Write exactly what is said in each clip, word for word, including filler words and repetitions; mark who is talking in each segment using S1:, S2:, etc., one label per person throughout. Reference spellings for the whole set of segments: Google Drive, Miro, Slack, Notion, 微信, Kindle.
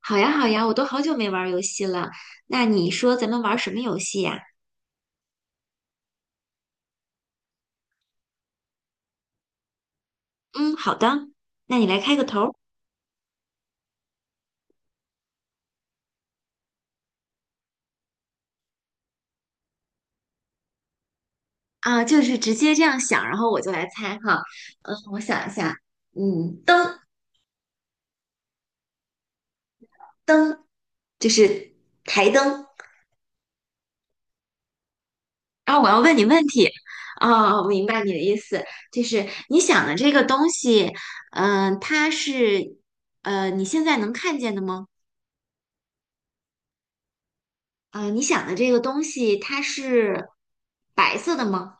S1: 好呀，好呀，我都好久没玩儿游戏了。那你说咱们玩儿什么游戏呀？嗯，好的，那你来开个头儿啊，就是直接这样想，然后我就来猜哈。嗯，我想一下，嗯，灯灯就是台灯，然后我要问你问题。哦，我明白你的意思，就是你想的这个东西，嗯、它是呃你现在能看见的吗？呃，你想的这个东西，它是白色的吗？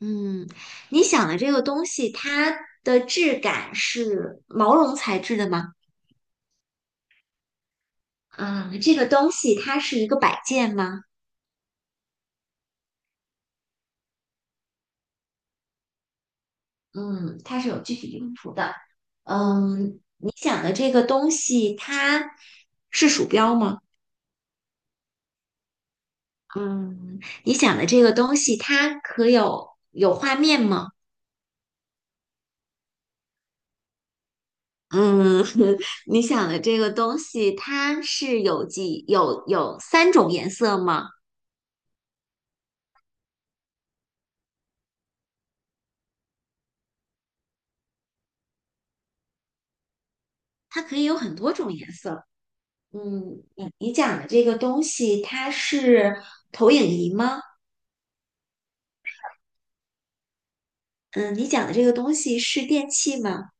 S1: 嗯，你想的这个东西，它的质感是毛绒材质的吗？嗯，这个东西它是一个摆件吗？嗯，它是有具体用途的。嗯，你想的这个东西，它是鼠标吗？嗯，你想的这个东西，它可有有画面吗？嗯，你想的这个东西，它是有几有有三种颜色吗？它可以有很多种颜色。嗯，你你讲的这个东西，它是投影仪吗？嗯，你讲的这个东西是电器吗？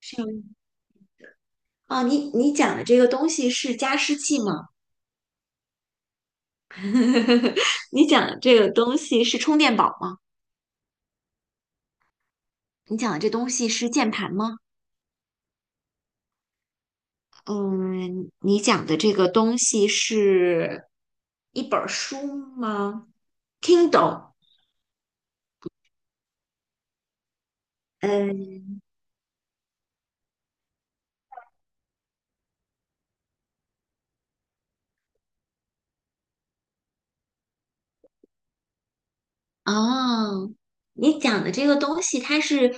S1: 是有哦，你你讲的这个东西是加湿器吗？你讲的这个东西是充电宝吗？你讲的这东西是键盘吗？嗯，你讲的这个东西是一本儿书吗？Kindle，嗯哦，你讲的这个东西，它是，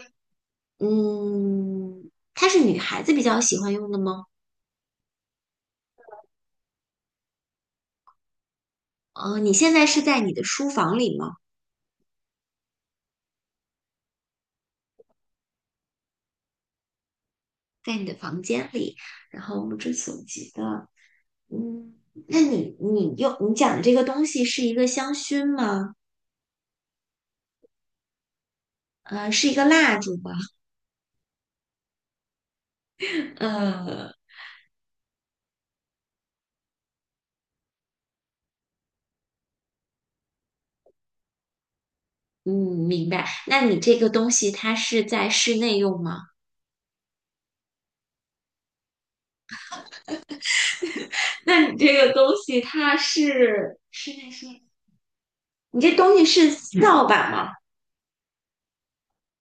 S1: 嗯，它是女孩子比较喜欢用的吗？哦，你现在是在你的书房里吗？在你的房间里，然后目之所及的，嗯，那你你用你讲的这个东西是一个香薰吗？呃，是一个蜡烛吗？呃，嗯，明白。那你这个东西它是在室内用吗？那你这个东西它是室内是？你这东西是扫把吗？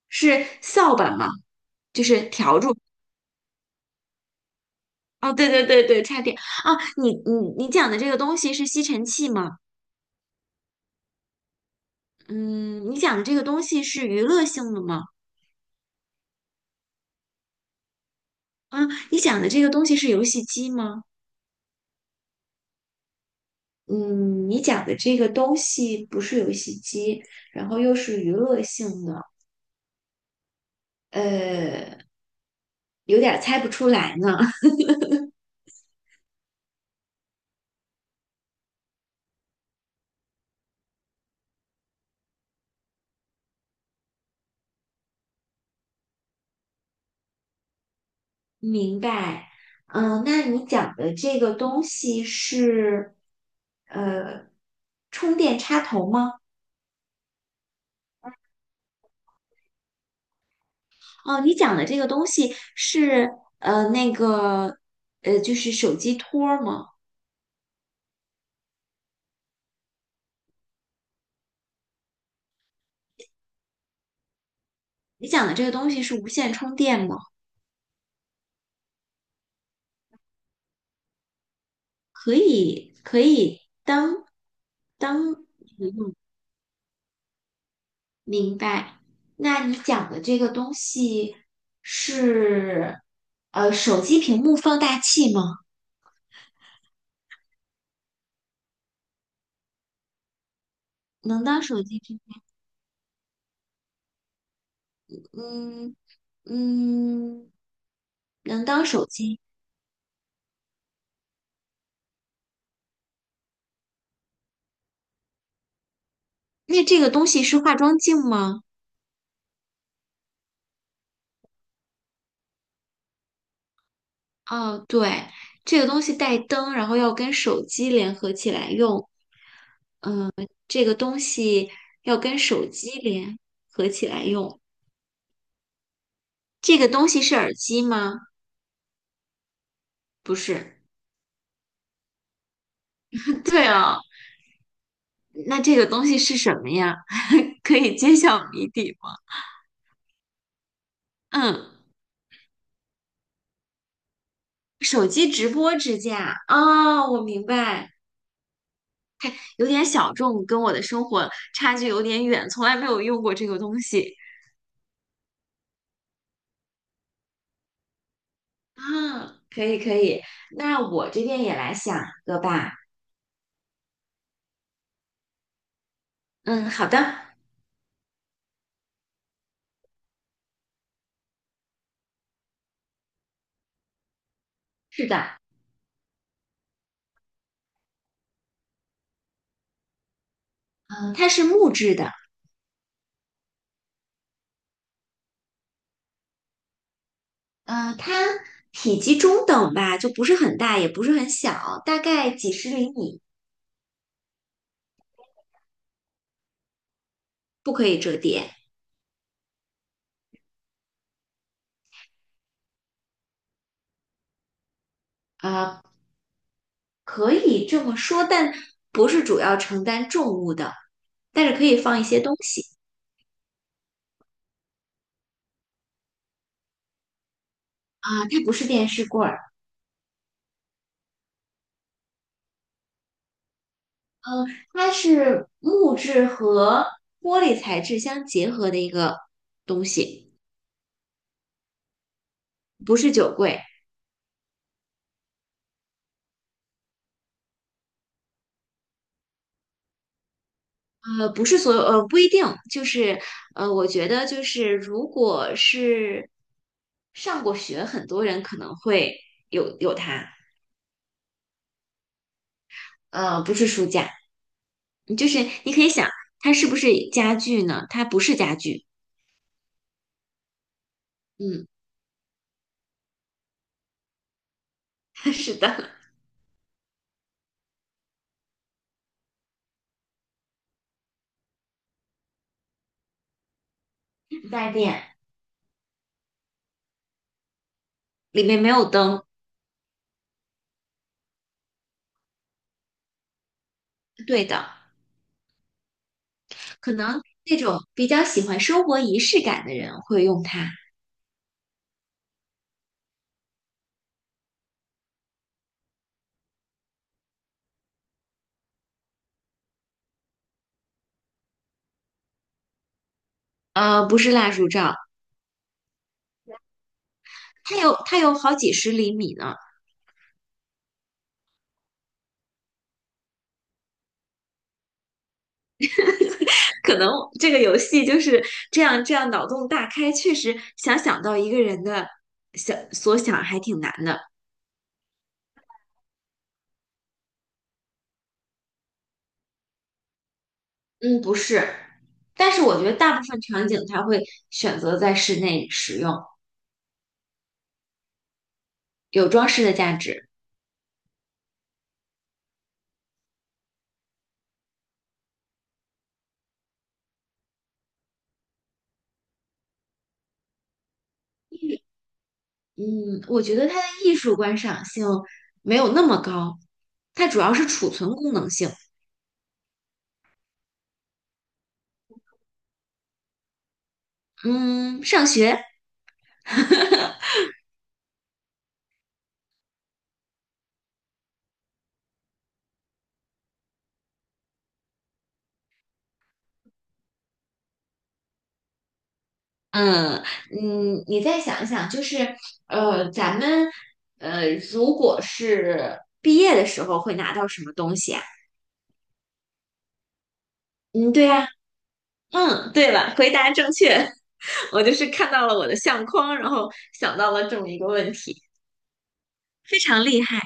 S1: 是扫把吗？就是笤帚。哦，对对对对，差点啊！你你你讲的这个东西是吸尘器吗？嗯，你讲的这个东西是娱乐性的吗？啊，你讲的这个东西是游戏机吗？嗯，你讲的这个东西不是游戏机，然后又是娱乐性的，呃，有点儿猜不出来呢。明白。嗯，那你讲的这个东西是，呃，充电插头吗？哦，你讲的这个东西是呃那个呃，就是手机托儿吗？你讲的这个东西是无线充电吗？可以，可以当当明白。那你讲的这个东西是呃手机屏幕放大器吗？能当手机屏幕？嗯嗯，能当手机。那这个东西是化妆镜吗？哦，对，这个东西带灯，然后要跟手机联合起来用，这个东西要跟手机联合起来用。这个东西是耳机吗？不是。对哦，那这个东西是什么呀？可以揭晓谜底吗？嗯，手机直播支架。哦，我明白，有点小众，跟我的生活差距有点远，从来没有用过这个东西。啊，可以可以，那我这边也来想一个吧。嗯，好的，是的，嗯，它是木质的，嗯，它体积中等吧，就不是很大，也不是很小，大概几十厘米，不可以折叠，呃，可以这么说，但不是主要承担重物的，但是可以放一些东西啊，它不是电视柜儿，嗯，它是木质和玻璃材质相结合的一个东西，不是酒柜。呃，不是所有，呃，不一定，就是呃，我觉得就是如果是上过学，很多人可能会有有它，呃，不是书架，就是你可以想，它是不是家具呢？它不是家具，嗯，是的，带电，里面没有灯，对的，可能那种比较喜欢生活仪式感的人会用它，呃，不是蜡烛罩，它有它有好几十厘米呢。可能这个游戏就是这样，这样脑洞大开，确实想想到一个人的想所想还挺难的。嗯，不是，但是我觉得大部分场景它会选择在室内使用，有装饰的价值。嗯，我觉得它的艺术观赏性没有那么高，它主要是储存功能性。嗯，上学嗯嗯，你再想想，就是呃，咱们呃，如果是毕业的时候会拿到什么东西啊？嗯，对呀，嗯，对了，回答正确。我就是看到了我的相框，然后想到了这么一个问题，非常厉害。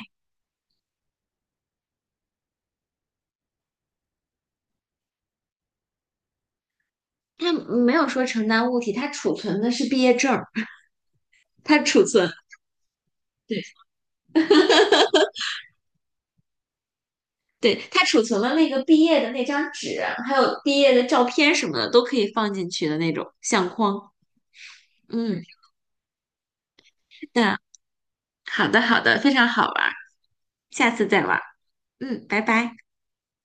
S1: 它没有说承担物体，它储存的是毕业证儿，它储存，对对，它储存了那个毕业的那张纸，还有毕业的照片什么的，都可以放进去的那种相框。嗯，是的。好的，好的，非常好玩下次再玩嗯，拜拜。